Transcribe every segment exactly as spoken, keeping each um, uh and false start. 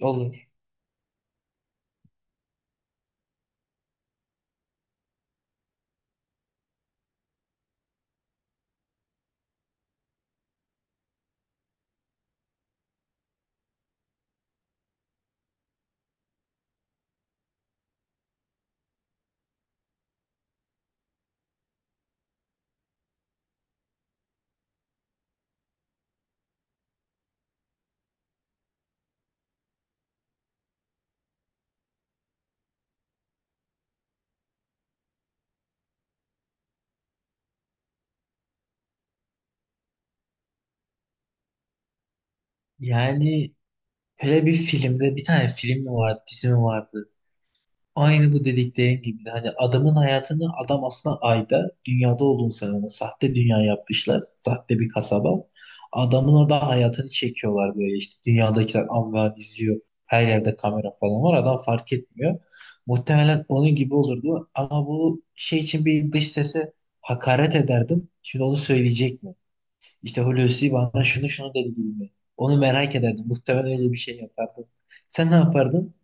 Olur. Yani böyle bir filmde bir tane film mi vardı, dizi mi vardı? Aynı bu dediklerin gibi. Hani adamın hayatını adam aslında ayda dünyada olduğunu söylüyor. Sahte dünya yapmışlar. Sahte bir kasaba. Adamın orada hayatını çekiyorlar böyle işte. Dünyadakiler amva izliyor. Her yerde kamera falan var. Adam fark etmiyor. Muhtemelen onun gibi olurdu. Ama bu şey için bir dış sese hakaret ederdim. Şimdi onu söyleyecek mi? İşte Hulusi bana şunu şunu dedi gibi. Onu merak ederdim. Muhtemelen öyle bir şey yapardım. Sen ne yapardın?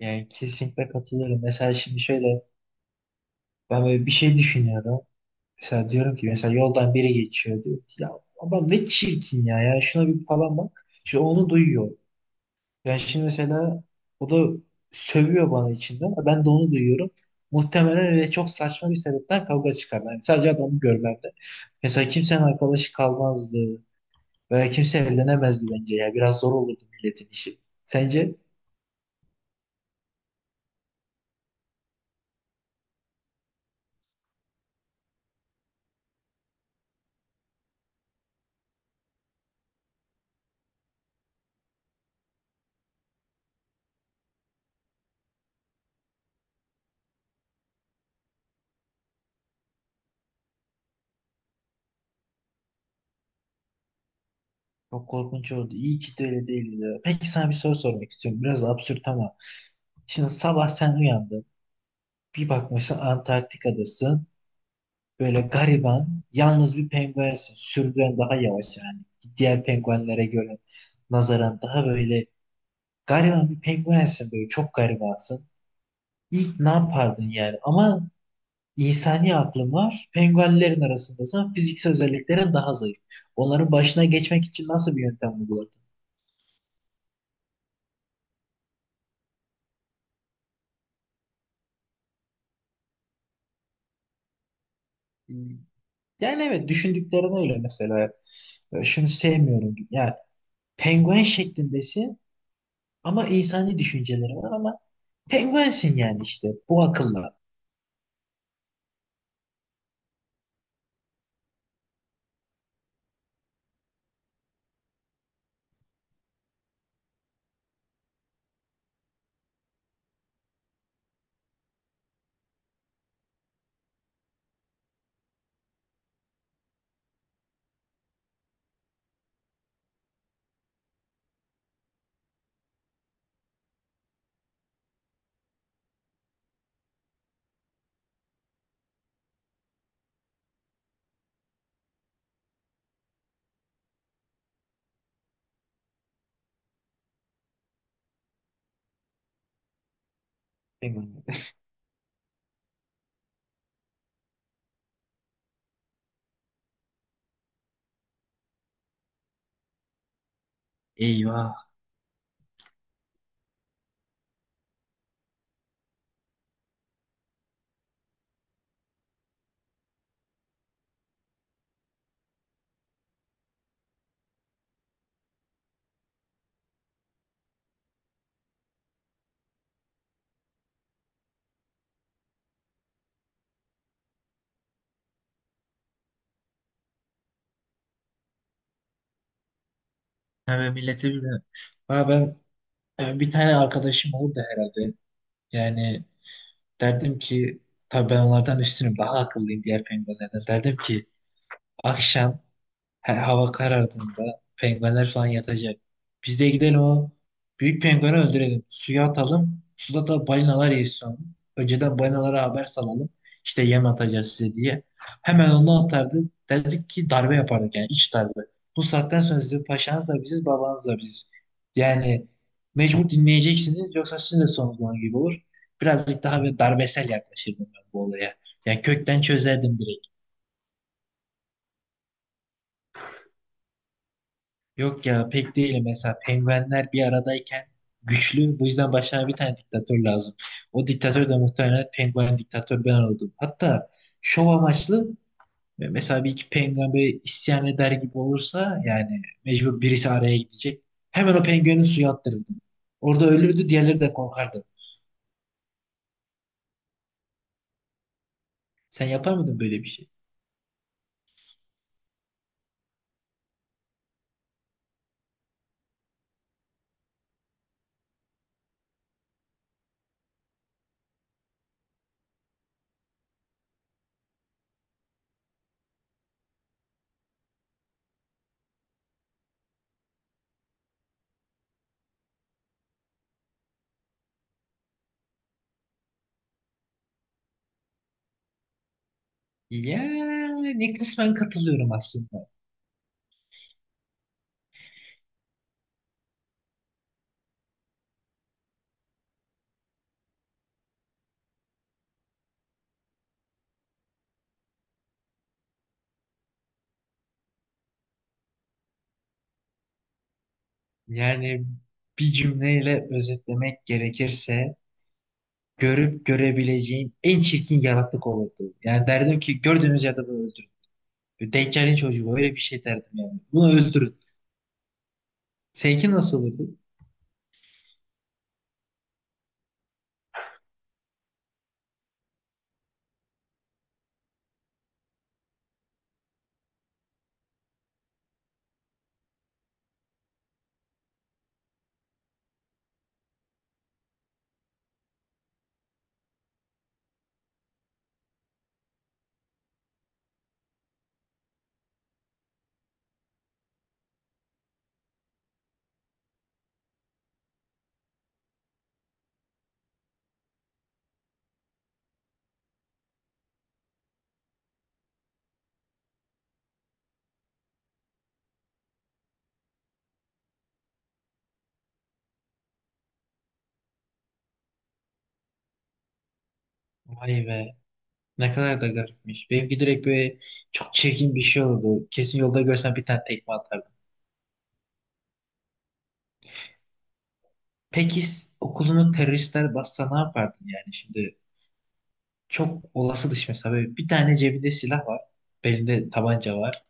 Yani kesinlikle katılıyorum. Mesela şimdi şöyle ben böyle bir şey düşünüyorum. Mesela diyorum ki mesela yoldan biri geçiyor diyor ki ya ama ne çirkin ya, ya şuna bir falan bak. Şu onu duyuyor. Yani şimdi mesela o da sövüyor bana içinden. Ben de onu duyuyorum. Muhtemelen öyle çok saçma bir sebepten kavga çıkarlar. Yani sadece adamı görmemde. Mesela kimsenin arkadaşı kalmazdı. Böyle kimse evlenemezdi bence ya. Biraz zor olurdu milletin işi. Sence? Çok korkunç oldu. İyi ki de öyle değildi ya. Peki sana bir soru sormak istiyorum. Biraz absürt ama. Şimdi sabah sen uyandın. Bir bakmışsın Antarktika'dasın. Böyle gariban, yalnız bir penguensin. Sürüden daha yavaş yani. Diğer penguenlere göre nazaran daha böyle gariban bir penguensin böyle. Çok garibansın. İlk ne yapardın yani? Ama İnsani aklın var. Penguenlerin arasındasın. Fiziksel özelliklerin daha zayıf. Onların başına geçmek için nasıl bir yöntem uyguladın? Ee, Yani evet düşündüklerin öyle mesela. E, Şunu sevmiyorum gibi. Yani penguen şeklindesin ama insani düşünceleri var ama penguensin yani işte. Bu akılla. Penguen. Eyvah. Hemen millete bilmiyorum. Ha ben e, bir tane arkadaşım oldu herhalde. Yani derdim ki tabii ben onlardan üstünüm. Daha akıllıyım diğer penguenlerden. Derdim ki akşam He- hava karardığında penguenler falan yatacak. Biz de gidelim o büyük pengueni öldürelim. Suya atalım. Suda da balinalar yesin onu. Önceden balinalara haber salalım. İşte yem atacağız size diye. Hemen onu atardı. Dedik ki darbe yapardık yani iç darbe. Bu saatten sonra sizin paşanız da biziz, babanız da biziz. Yani mecbur dinleyeceksiniz yoksa sizin de sonunuz onun gibi olur. Birazcık daha bir darbesel yaklaşırdım ben bu olaya. Yani kökten çözerdim direkt. Yok ya pek değil, mesela penguenler bir aradayken güçlü, bu yüzden başına bir tane diktatör lazım. O diktatör de muhtemelen penguen diktatör ben oldum. Hatta şov amaçlı, e, mesela bir iki penguen böyle isyan eder gibi olursa yani mecbur birisi araya gidecek. Hemen o penguenin suya attırırdım. Orada ölürdü, diğerleri de korkardı. Sen yapar mıydın böyle bir şey? Yani kısmen katılıyorum aslında. Yani bir cümleyle özetlemek gerekirse görüp görebileceğin en çirkin yaratık olurdu. Yani derdim ki gördüğünüz yerde bunu öldürün. Bir Deccal'in çocuğu, öyle bir şey derdim yani. Bunu öldürün. Seninki nasıl olurdu? Vay be. Ne kadar da garipmiş. Benimki direkt böyle çok çirkin bir şey oldu. Kesin yolda görsem bir tane tekme atardım. Peki s- okulunu teröristler bassa ne yapardın yani şimdi? Çok olası dışı, mesela böyle bir tane cebinde silah var. Belinde tabanca var.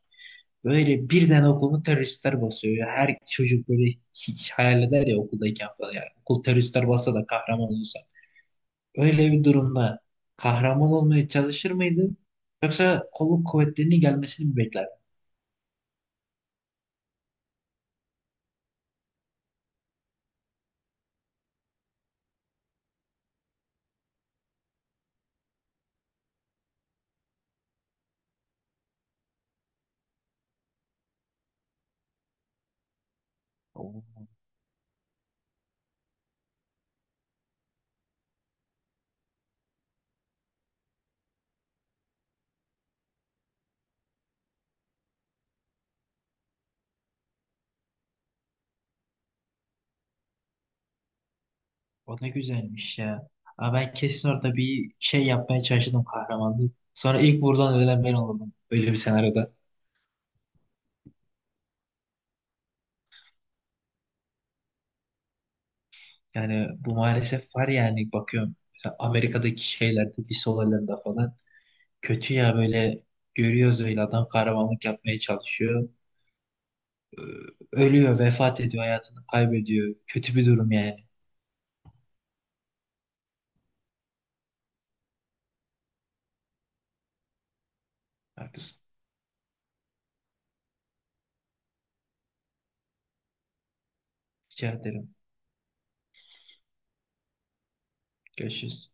Böyle birden okulunu teröristler basıyor ya. Her çocuk böyle hiç hayal eder ya okuldayken falan. Yani okul teröristler bassa da kahraman olursa. Öyle bir durumda kahraman olmaya çalışır mıydın? Yoksa kolluk kuvvetlerinin gelmesini mi beklerdin? Oo, o ne güzelmiş ya. Aa, ben kesin orada bir şey yapmaya çalışırdım kahramanlığı. Sonra ilk buradan ölen ben olurdum. Öyle bir senaryoda. Yani bu maalesef var yani bakıyorum. Amerika'daki şeylerde, lise olaylarında falan. Kötü ya, böyle görüyoruz, öyle adam kahramanlık yapmaya çalışıyor. Ee, Ölüyor, vefat ediyor, hayatını kaybediyor. Kötü bir durum yani. Haklısın. Rica ederim. Görüşürüz.